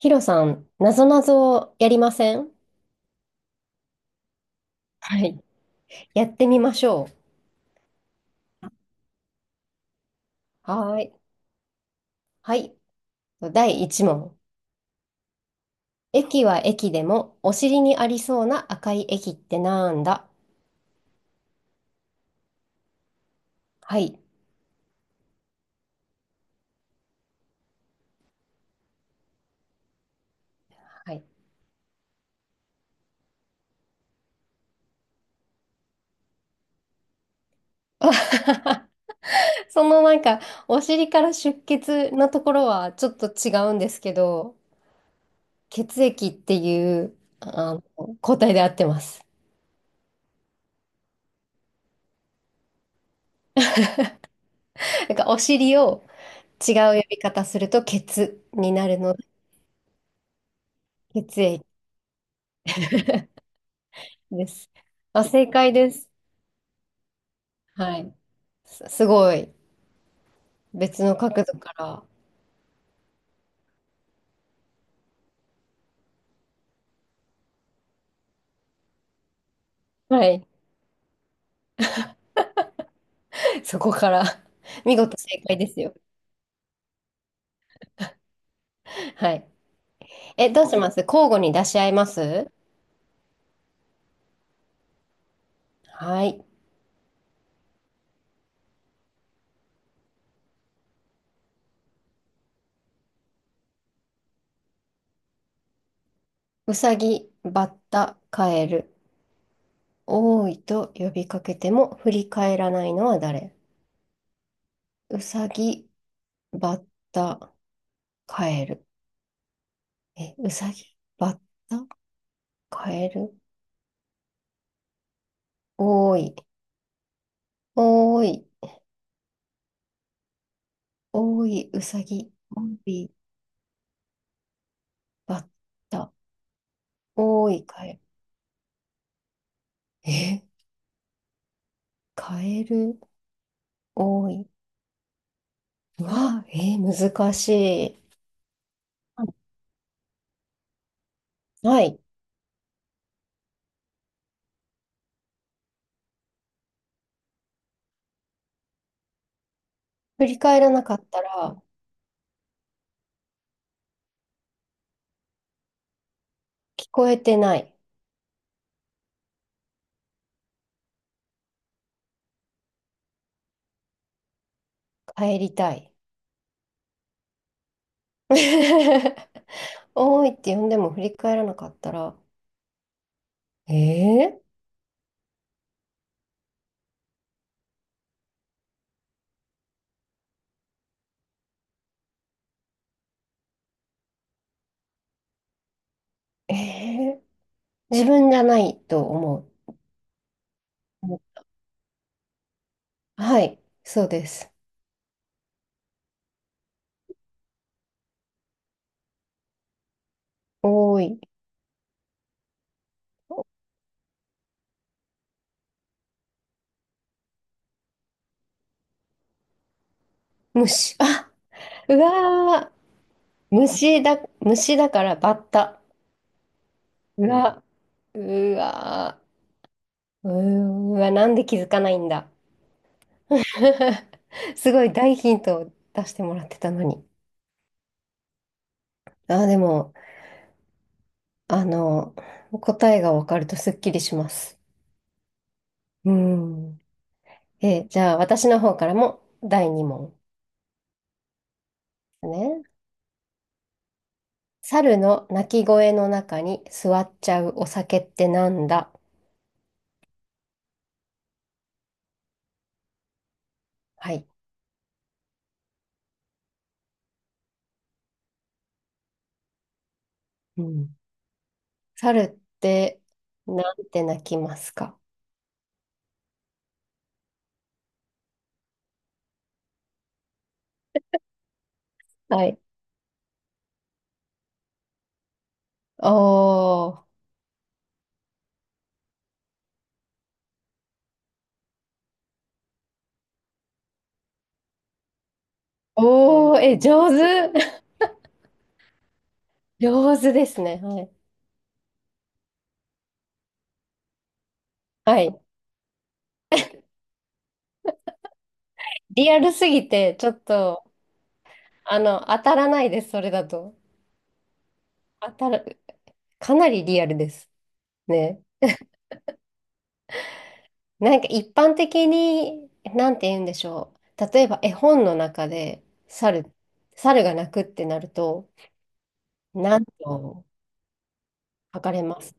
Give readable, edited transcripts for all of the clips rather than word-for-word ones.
ヒロさん、なぞなぞやりません？はい。やってみましょう。はーい。はい。第1問。駅は駅でも、お尻にありそうな赤い駅ってなんだ？はい。はい。そのなんか、お尻から出血のところはちょっと違うんですけど、血液っていう、あの、抗体で合ってます。なんか、お尻を違う呼び方すると、血になるので、血液です。あ、正解です。はい。す、すごい。別の角度から。はい。そこから 見事正解ですよ。はい。え、どうします？交互に出し合います？はい。うさぎ、バッタ、カエル。多いと呼びかけても振り返らないのは誰？うさぎ、バッタ、カエル。え、うさぎ、バッタ、カエル。多い、多い、多い、うさぎ、多い、バッタ、多い、カエル。えカエル多い。うわ、えー難しい。はい。振り返らなかったら、聞こえてない。帰りたい。多いって呼んでも振り返らなかったら、えー、えー自分じゃないと思う。はい、そうです。多い。虫。あ、うわー。虫だ、虫だからバッタ。うわ、うわー、うーわ、なんで気づかないんだ。すごい大ヒントを出してもらってたのに。あでも、あの、答えがわかるとすっきりします。うん。え、じゃあ私の方からも第2問。ね。猿の鳴き声の中に座っちゃうお酒ってなんだ？はい。うん。猿ってなんて鳴きますか？はい。おー。おー、え、上手。上手ですね。はい。はい。リアルすぎて、ちょっと、当たらないです、それだと。当たる、かなりリアルです。ね。なんか一般的に、なんて言うんでしょう。例えば絵本の中で、猿、猿が鳴くってなると、何と書かれます？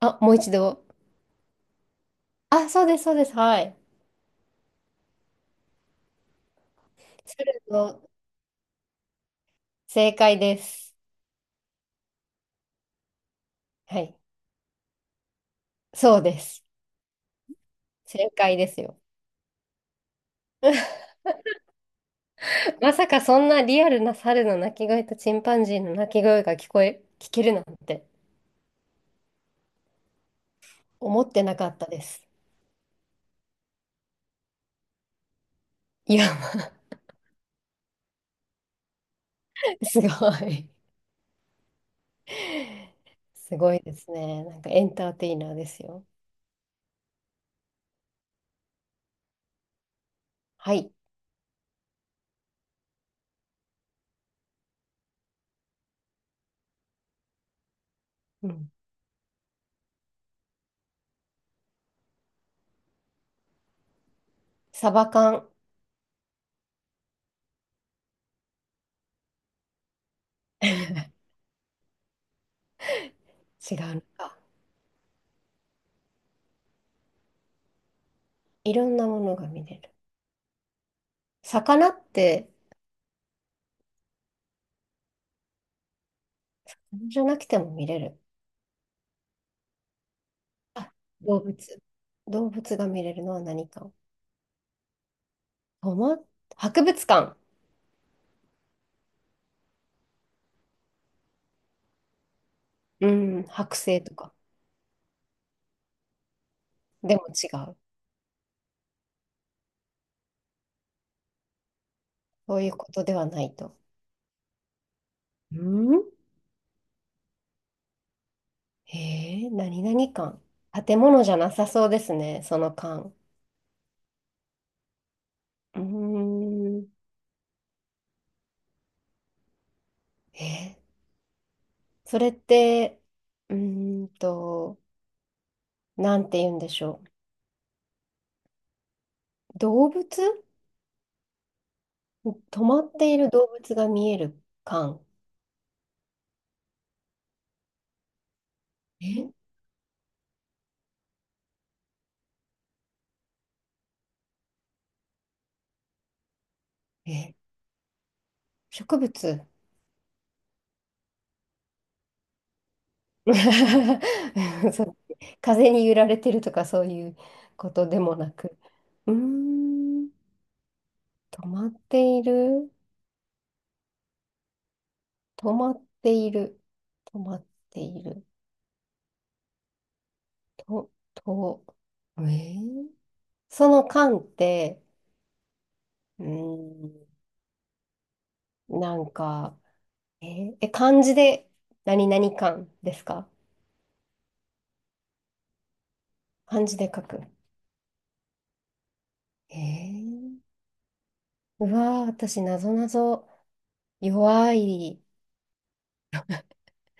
あ、もう一度。あ、そうです、そうです。はい。猿の正解です。はい。そうです。正解ですよ。まさかそんなリアルな猿の鳴き声とチンパンジーの鳴き声が聞こえ、聞けるなんて思ってなかったです。いや、すごい。すごいですね。なんかエンターテイナーですよ。はい。うん。サバ缶。違うのか。いろんなものが見れる。魚って、じゃなくても見れる。あ、動物。動物が見れるのは何か。とま、博物館。うん、剥製とか。でも違う。そういうことではないと。うんへえー、何々館。建物じゃなさそうですね、その館。うーん。えーそれって、うーんと、なんて言うんでしょう。動物止まっている動物が見える感。ええ、植物 そう風に揺られてるとかそういうことでもなく。うーん、止まっている、止まっている、止まっている、と、と、えーその間って、うーん、なんか、えーえ漢字で何々漢ですか？漢字で書く。えー、うわー、私、なぞなぞ弱い、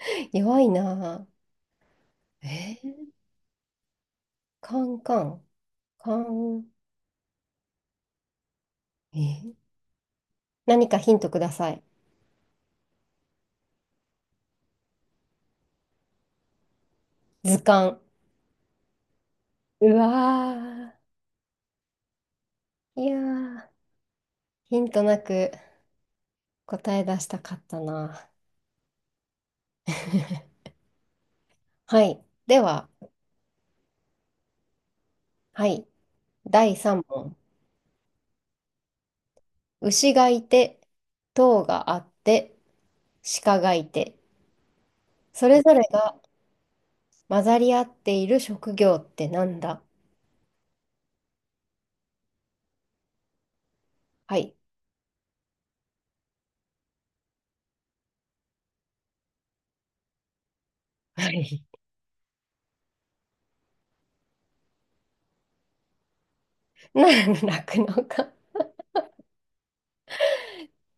弱いなー。えー、カンカン、カン、えー何かヒントください。図鑑。うわー、いやー、ヒントなく答え出したかったな。はい。では、はい。第3問。牛がいて、塔があって、鹿がいて。それぞれが混ざり合っている職業ってなんだ？はい。はい。な酪農家。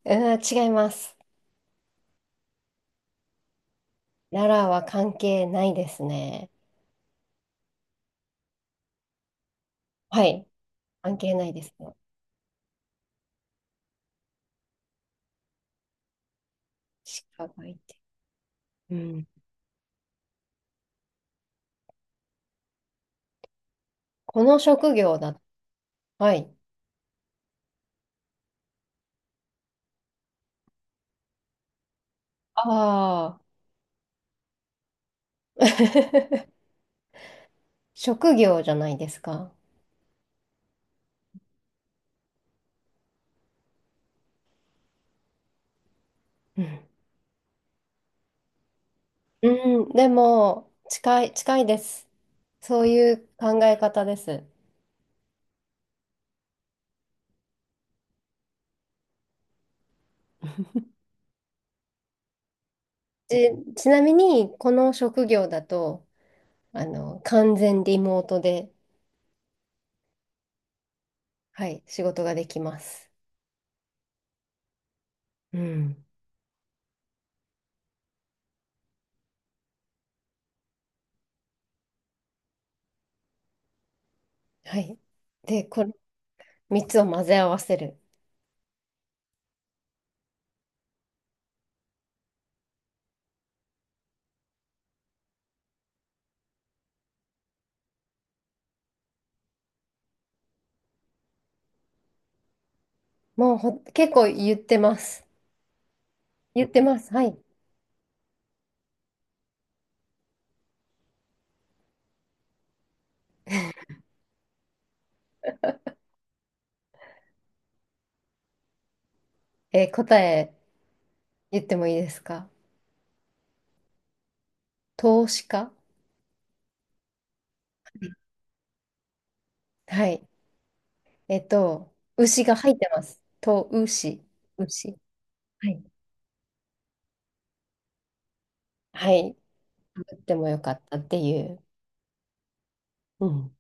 うん、違います。奈良は関係ないですね。はい。関係ないですね。鹿がいて。うん。この職業だ。はい。ああ。職業じゃないですか。うん。うん、でも、近い、近いです。そういう考え方です。ち、ちなみに、この職業だと、完全リモートで、はい、仕事ができます。うん。はい。で、この3つを混ぜ合わせる。もうほ、結構言ってます。言ってます。はい。えー答え言ってもいいですか？投資家。はい。えっと、牛が入ってます。と、牛。牛。はい。はい。言ってもよかったっていう。うん